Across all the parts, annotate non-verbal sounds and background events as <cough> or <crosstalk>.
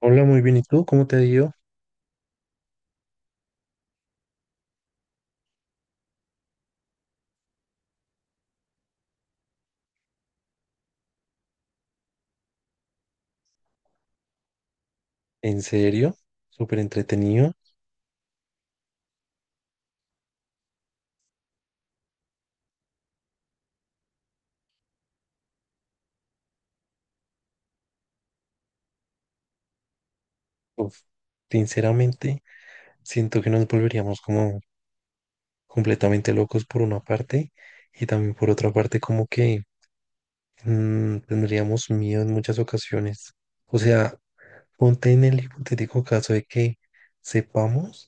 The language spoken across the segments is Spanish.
Hola, muy bien. ¿Y tú? ¿Cómo te ha ido? ¿En serio? Súper entretenido. Uf, sinceramente, siento que nos volveríamos como completamente locos por una parte y también por otra parte como que tendríamos miedo en muchas ocasiones. O sea, ponte en el hipotético caso de que sepamos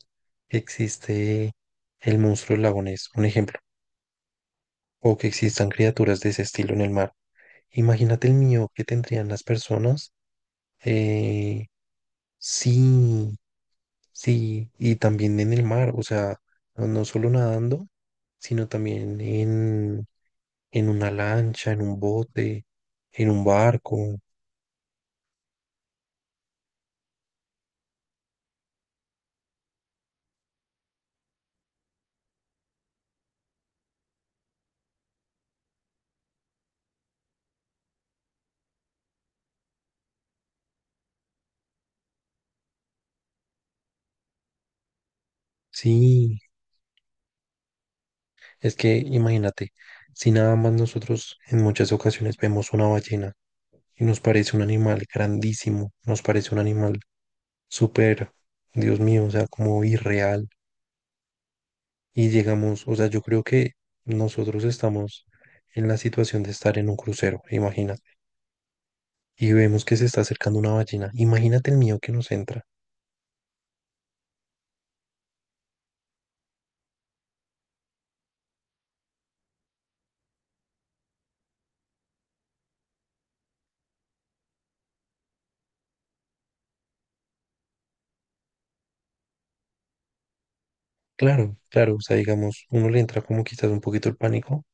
que existe el monstruo del lago Ness, un ejemplo, o que existan criaturas de ese estilo en el mar. Imagínate el miedo que tendrían las personas. eh, sí, sí, y también en el mar, o sea, no solo nadando, sino también en una lancha, en un bote, en un barco. Sí, es que imagínate, si nada más nosotros en muchas ocasiones vemos una ballena y nos parece un animal grandísimo, nos parece un animal súper, Dios mío, o sea, como irreal. Y llegamos, o sea, yo creo que nosotros estamos en la situación de estar en un crucero, imagínate, y vemos que se está acercando una ballena, imagínate el miedo que nos entra. Claro, claro, o sea, digamos, uno le entra como quizás un poquito el pánico,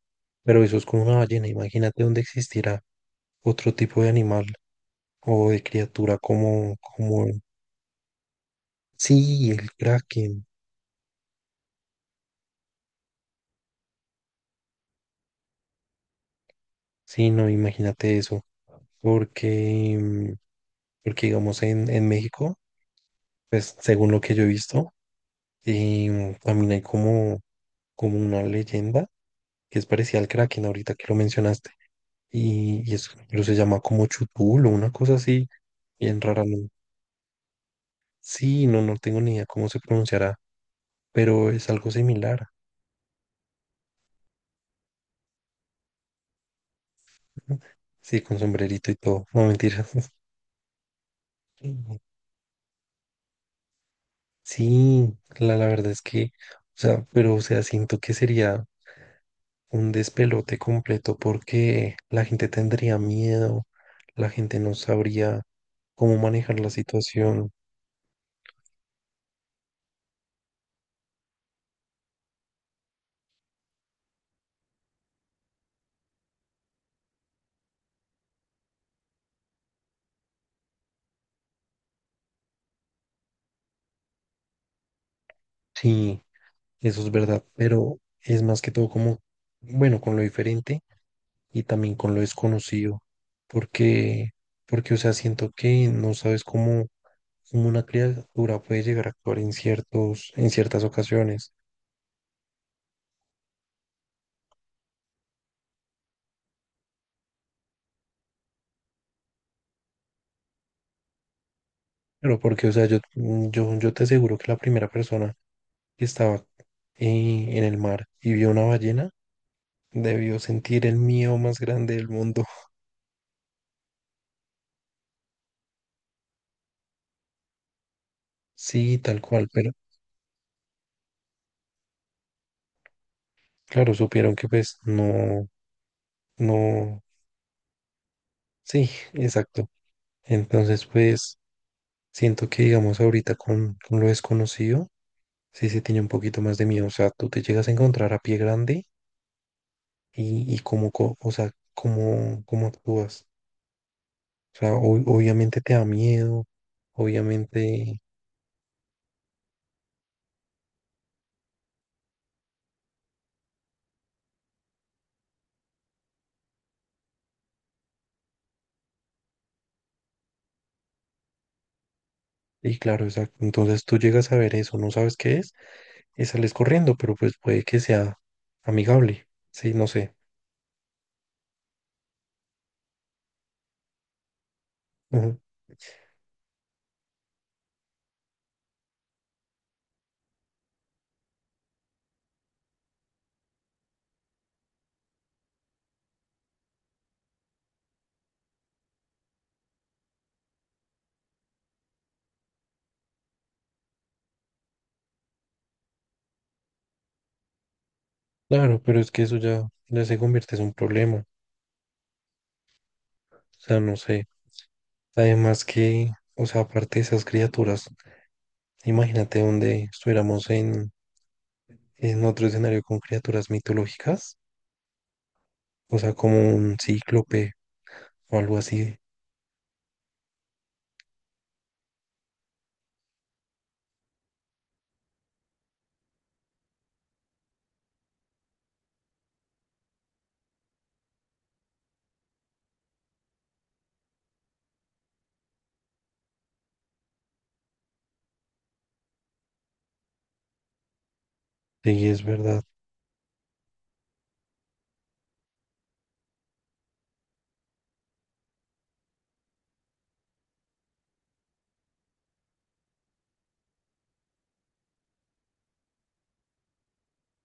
pero eso es con una ballena, imagínate dónde existirá otro tipo de animal o de criatura sí, el kraken, sí, no, imagínate eso, porque, porque digamos en México, pues según lo que yo he visto, y también hay como, como una leyenda que es parecida al Kraken ahorita que lo mencionaste. Y es, pero se llama como Chutul o una cosa así, bien rara. ¿No? Sí, no, no tengo ni idea cómo se pronunciará, pero es algo similar. ¿No? Sí, con sombrerito y todo. No, mentiras. <laughs> Sí, la verdad es que, o sea, pero o sea, siento que sería un despelote completo porque la gente tendría miedo, la gente no sabría cómo manejar la situación. Sí, eso es verdad, pero es más que todo como, bueno, con lo diferente y también con lo desconocido, porque, porque, o sea, siento que no sabes cómo, cómo una criatura puede llegar a actuar en en ciertas ocasiones. Pero porque, o sea, yo te aseguro que la primera persona que estaba en el mar y vio una ballena, debió sentir el miedo más grande del mundo. Sí, tal cual, pero claro, supieron que pues no, no, sí, exacto. Entonces, pues siento que digamos ahorita con lo desconocido, sí se tiene un poquito más de miedo. O sea, tú te llegas a encontrar a pie grande y cómo, o sea, cómo, cómo actúas. O sea, obviamente te da miedo, obviamente. Y claro, exacto. Entonces tú llegas a ver eso, no sabes qué es, y sales corriendo, pero pues puede que sea amigable. Sí, no sé. Ujú. Claro, pero es que eso ya, ya se convierte en un problema. O sea, no sé. Además que, o sea, aparte de esas criaturas, imagínate donde estuviéramos en otro escenario con criaturas mitológicas, o sea, como un cíclope o algo así. Sí, es verdad.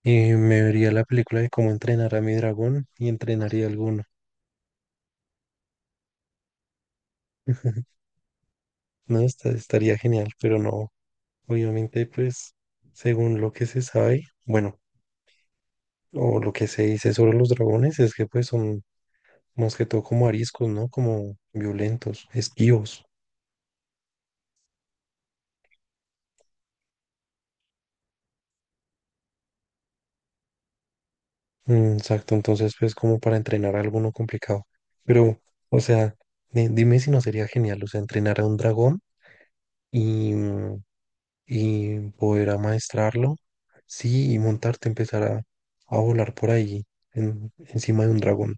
Y me vería la película de cómo entrenar a mi dragón y entrenaría alguno. No, estaría genial, pero no, obviamente, pues, según lo que se sabe, bueno, o lo que se dice sobre los dragones es que pues son más que todo como ariscos, ¿no? Como violentos, esquivos. Mm, exacto, entonces pues como para entrenar a alguno complicado. Pero, o sea, dime si no sería genial, o sea, entrenar a un dragón y, y poder amaestrarlo, sí, y montarte, empezar a volar por ahí, encima de un dragón.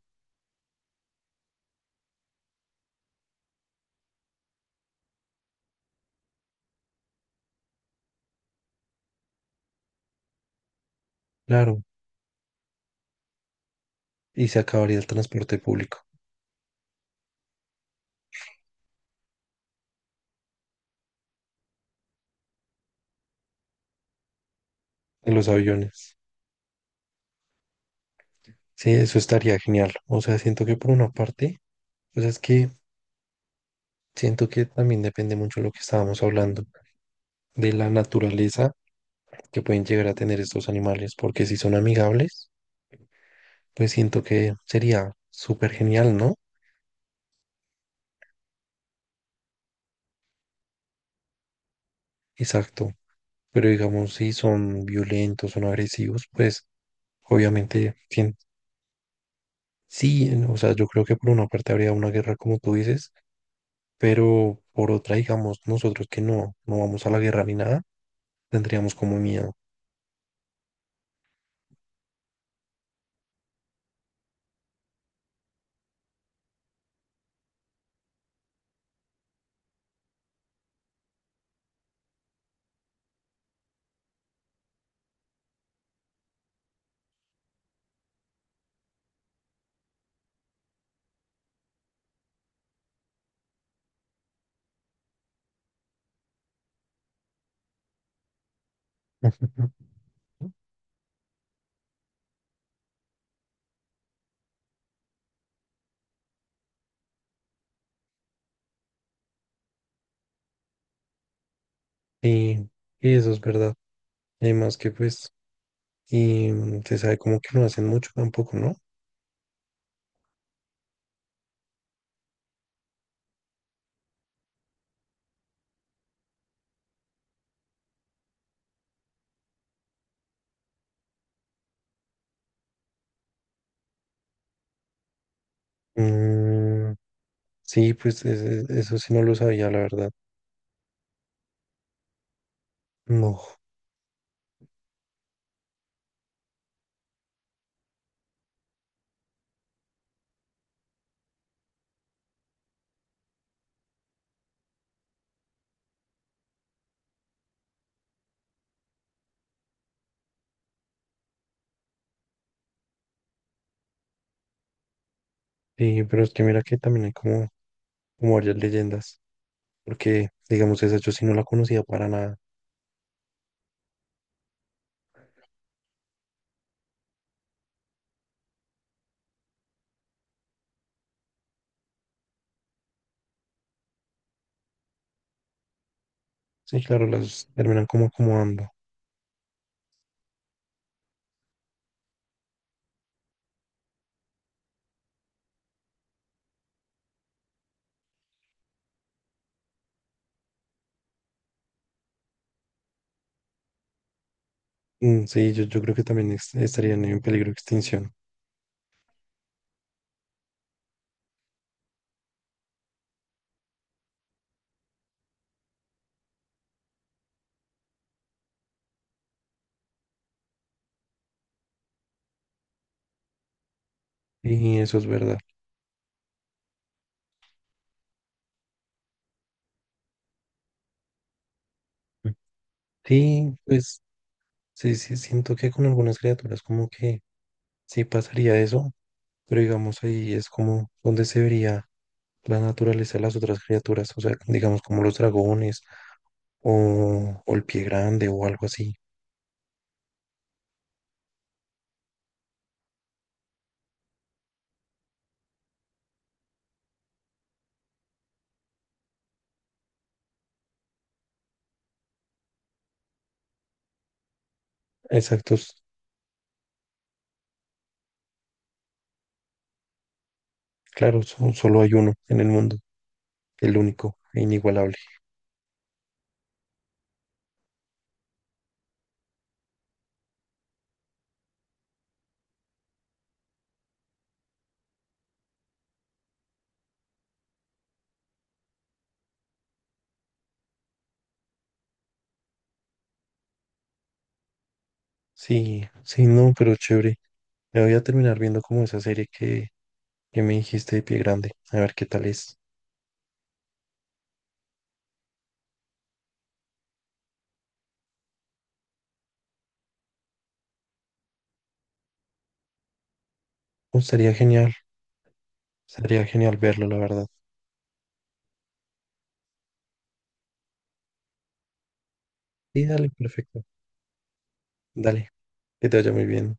Claro. Y se acabaría el transporte público en los aviones. Sí, eso estaría genial. O sea, siento que por una parte, pues es que siento que también depende mucho de lo que estábamos hablando, de la naturaleza que pueden llegar a tener estos animales, porque si son amigables, pues siento que sería súper genial, ¿no? Exacto. Pero digamos, si son violentos, son agresivos, pues obviamente, ¿quién? Sí, o sea, yo creo que por una parte habría una guerra, como tú dices, pero por otra, digamos, nosotros que no, no vamos a la guerra ni nada, tendríamos como miedo. <laughs> Y, y eso es verdad. Además que pues, y se sabe como que no hacen mucho tampoco, ¿no? Mm, sí, pues eso sí no lo sabía, la verdad. No. Sí, pero es que mira que también hay como, como varias leyendas. Porque, digamos, esa yo sí no la conocía para nada. Sí, claro, las terminan como acomodando. Mm, sí, yo creo que también estarían en peligro de extinción. Y eso es verdad. Mm. Sí, pues sí, sí, siento que con algunas criaturas como que sí pasaría eso, pero digamos ahí es como donde se vería la naturaleza de las otras criaturas, o sea, digamos como los dragones o el pie grande o algo así. Exactos, claro, solo hay uno en el mundo, el único e inigualable. Sí, sí, no, pero chévere. Me voy a terminar viendo como esa serie que me dijiste de Pie Grande. A ver qué tal es. Oh, estaría genial verlo, la verdad. Sí, dale, perfecto. Dale, que te vaya muy bien.